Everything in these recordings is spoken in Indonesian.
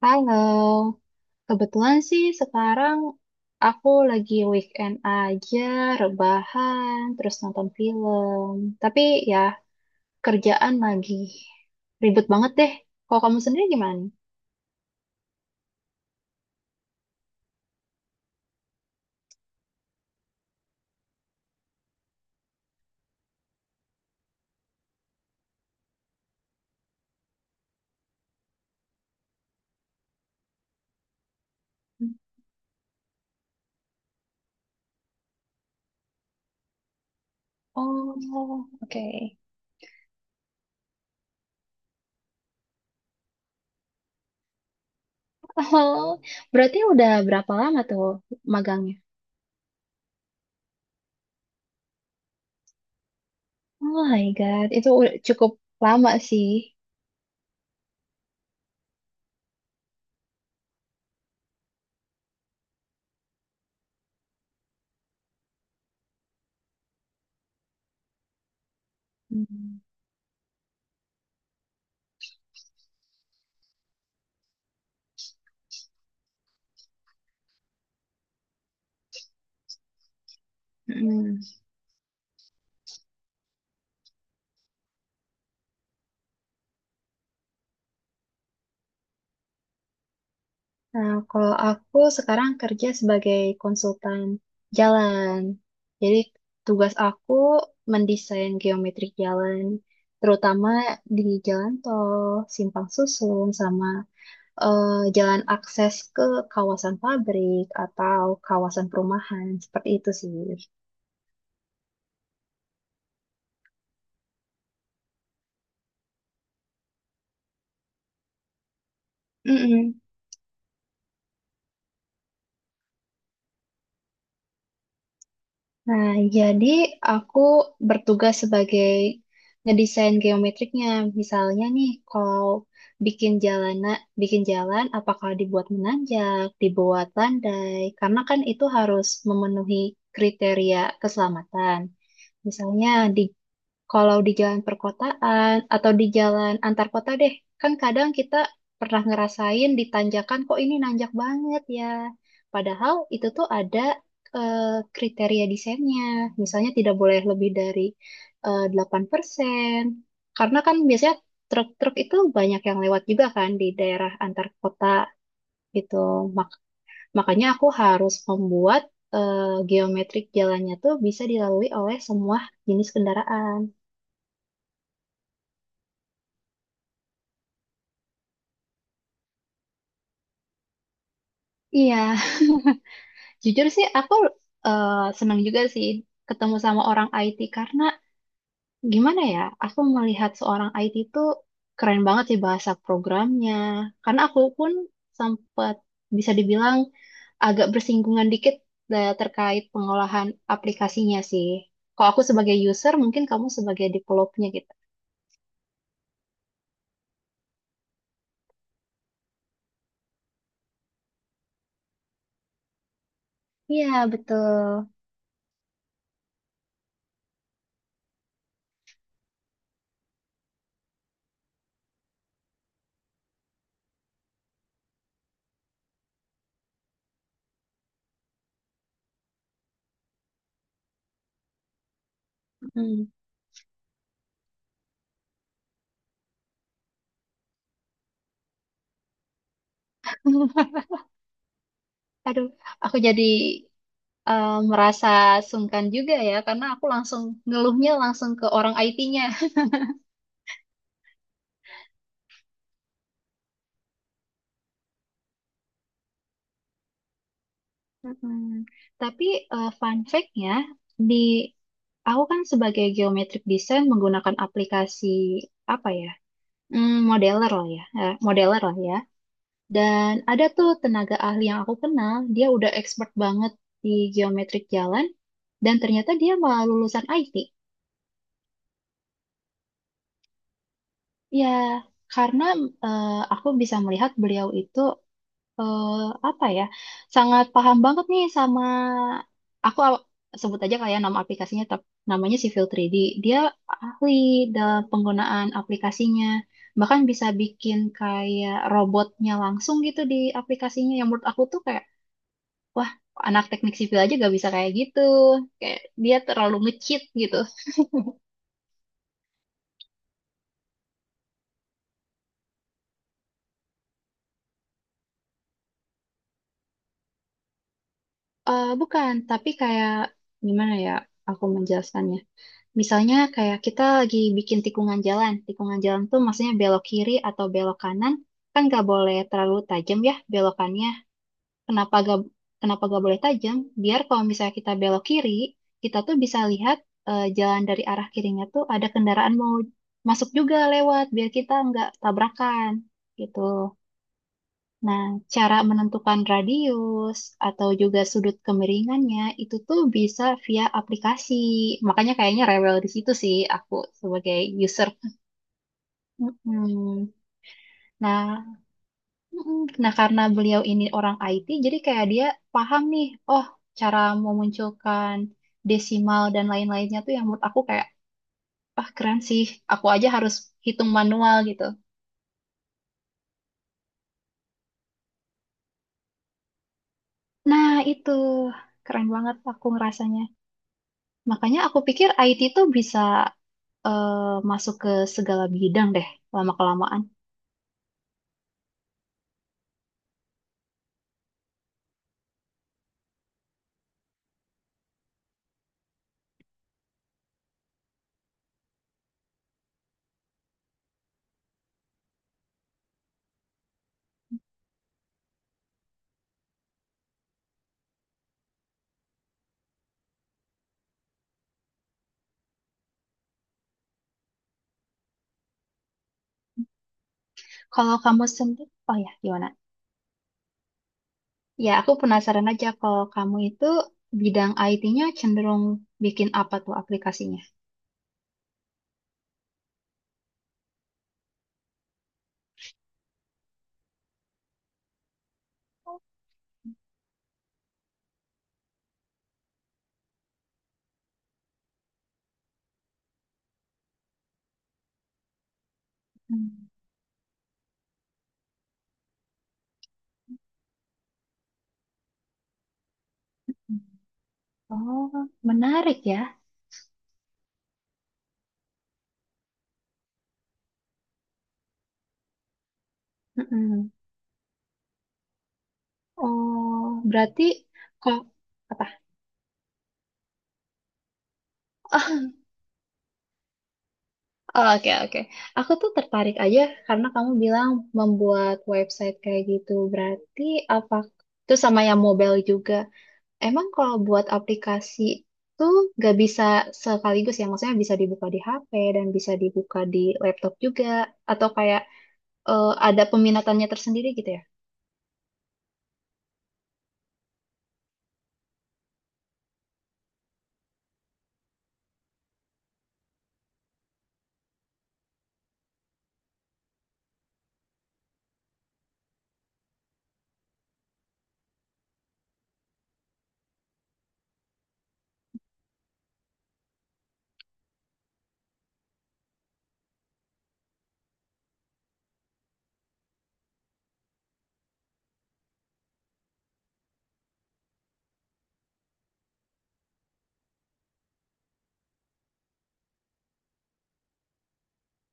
Halo, kebetulan sih sekarang aku lagi weekend aja, rebahan, terus nonton film. Tapi ya kerjaan lagi ribet banget deh. Kalau kamu sendiri gimana? Oh, oke. Oh, berarti udah berapa lama tuh magangnya? Oh my God, itu udah cukup lama sih. Hmm. Mm-mm. Nah, kalau aku sekarang kerja sebagai konsultan jalan. Jadi tugas aku mendesain geometrik jalan, terutama di jalan tol, simpang susun, sama eh, jalan akses ke kawasan pabrik atau kawasan perumahan, seperti itu sih. Mm-mm. Nah, jadi aku bertugas sebagai ngedesain geometriknya. Misalnya nih, kalau bikin jalanan, bikin jalan, apakah dibuat menanjak, dibuat landai? Karena kan itu harus memenuhi kriteria keselamatan. Misalnya di kalau di jalan perkotaan atau di jalan antar kota deh, kan kadang kita pernah ngerasain di tanjakan kok ini nanjak banget ya. Padahal itu tuh ada eh, kriteria desainnya. Misalnya tidak boleh lebih dari 8%. Karena kan biasanya truk-truk itu banyak yang lewat juga kan di daerah antar kota gitu. Mak- makanya aku harus membuat eh, geometrik jalannya tuh bisa dilalui oleh semua jenis kendaraan. Iya, jujur sih, aku eh, senang juga sih ketemu sama orang IT karena gimana ya, aku melihat seorang IT itu keren banget sih bahasa programnya. Karena aku pun sempat bisa dibilang agak bersinggungan dikit terkait pengolahan aplikasinya sih. Kalau aku sebagai user, mungkin kamu sebagai developernya gitu. Iya, betul. Mm. Aduh, aku jadi merasa sungkan juga ya, karena aku langsung ngeluhnya langsung ke orang IT-nya. Mm-mm. Tapi fun fact-nya, di aku kan sebagai geometric design menggunakan aplikasi apa ya, Modeler lah ya. Dan ada tuh tenaga ahli yang aku kenal, dia udah expert banget di geometric jalan, dan ternyata dia malah lulusan IT. Ya, karena aku bisa melihat beliau itu eh, apa ya, sangat paham banget nih sama aku aw- sebut aja kayak nama aplikasinya namanya Civil 3D. Dia ahli dalam penggunaan aplikasinya, bahkan bisa bikin kayak robotnya langsung gitu di aplikasinya, yang menurut aku tuh kayak wah, anak teknik sipil aja gak bisa kayak gitu, kayak dia terlalu nge-cheat gitu. Bukan, tapi kayak gimana ya aku menjelaskannya. Misalnya kayak kita lagi bikin tikungan jalan. Tikungan jalan tuh maksudnya belok kiri atau belok kanan. Kan gak boleh terlalu tajam ya belokannya. Kenapa gak, kenapa gak boleh tajam? Biar kalau misalnya kita belok kiri, kita tuh bisa lihat jalan dari arah kirinya tuh ada kendaraan mau masuk juga lewat. Biar kita nggak tabrakan gitu. Nah, cara menentukan radius atau juga sudut kemiringannya itu tuh bisa via aplikasi. Makanya kayaknya rewel di situ sih aku sebagai user. Mm-mm. Nah, mm-mm. Nah karena beliau ini orang IT, jadi kayak dia paham nih, oh cara memunculkan desimal dan lain-lainnya tuh yang menurut aku kayak, ah keren sih, aku aja harus hitung manual gitu. Nah, itu keren banget aku ngerasanya. Makanya aku pikir IT tuh bisa masuk ke segala bidang deh lama-kelamaan. Kalau kamu sendiri, oh ya gimana? Ya aku penasaran aja kalau kamu itu bidang IT-nya cenderung bikin apa tuh aplikasinya? Hmm. Oh, menarik ya. Mm-mm. Oh, berarti kok apa? Oh, oke, oke. Aku tuh tertarik aja karena kamu bilang membuat website kayak gitu. Berarti apa? Itu sama yang mobile juga. Emang kalau buat aplikasi tuh nggak bisa sekaligus ya, maksudnya bisa dibuka di HP dan bisa dibuka di laptop juga, atau kayak ada peminatannya tersendiri gitu ya?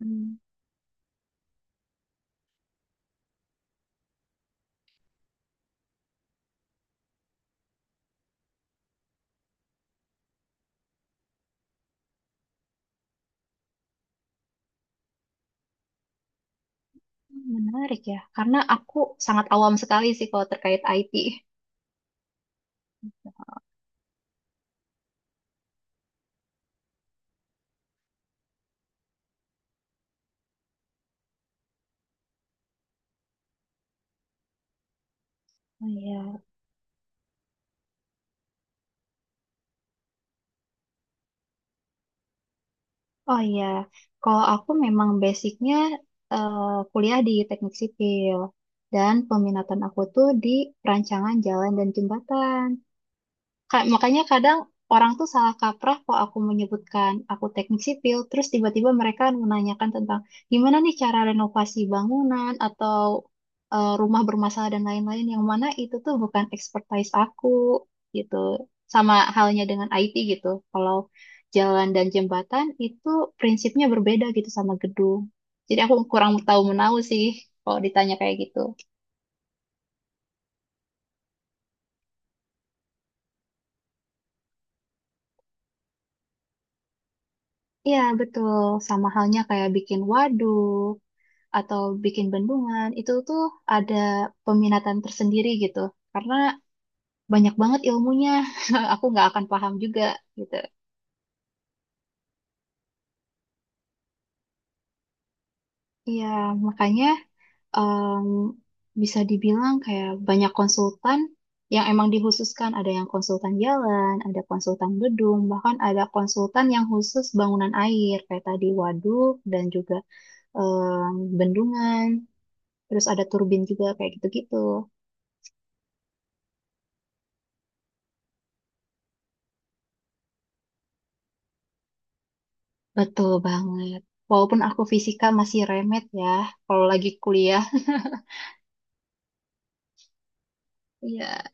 Hmm, menarik ya, karena aku sangat awam sekali sih kalau terkait IT. Oh iya, oh iya. Kalau aku memang basicnya eh, kuliah di teknik sipil dan peminatan aku tuh di perancangan jalan dan jembatan. Makanya kadang orang tuh salah kaprah kok aku menyebutkan aku teknik sipil, terus tiba-tiba mereka menanyakan tentang gimana nih cara renovasi bangunan atau rumah bermasalah dan lain-lain yang mana itu tuh bukan expertise aku gitu. Sama halnya dengan IT gitu. Kalau jalan dan jembatan itu prinsipnya berbeda gitu sama gedung. Jadi aku kurang tahu menahu sih kalau ditanya kayak gitu. Iya, betul. Sama halnya kayak bikin waduk, atau bikin bendungan itu tuh ada peminatan tersendiri gitu karena banyak banget ilmunya. Aku nggak akan paham juga gitu. Iya, makanya em, bisa dibilang kayak banyak konsultan yang emang dikhususkan, ada yang konsultan jalan, ada konsultan gedung, bahkan ada konsultan yang khusus bangunan air kayak tadi waduk dan juga bendungan, terus ada turbin juga kayak gitu-gitu. Betul banget. Walaupun aku fisika masih remet ya, kalau lagi kuliah. Iya,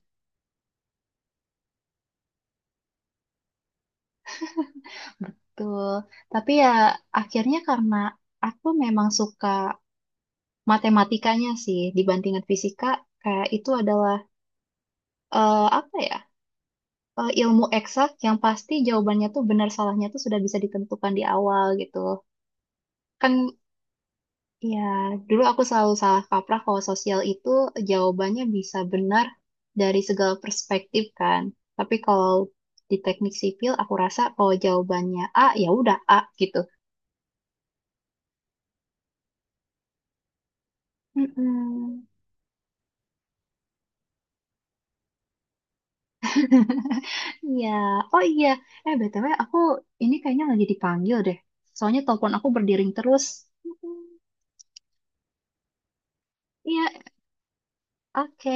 betul. Tapi ya akhirnya karena aku memang suka matematikanya sih dibandingkan fisika, kayak itu adalah apa ya? Ilmu eksak yang pasti jawabannya tuh benar salahnya tuh sudah bisa ditentukan di awal gitu. Kan Ya, dulu aku selalu salah kaprah kalau sosial itu jawabannya bisa benar dari segala perspektif kan. Tapi kalau di teknik sipil aku rasa kalau jawabannya A ya udah A gitu. Mm-mm. Iya, oh iya. Eh, BTW aku ini kayaknya lagi dipanggil deh. Soalnya telepon aku berdering terus. Mm-mm. Iya, oke.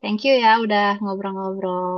Thank you ya udah ngobrol-ngobrol.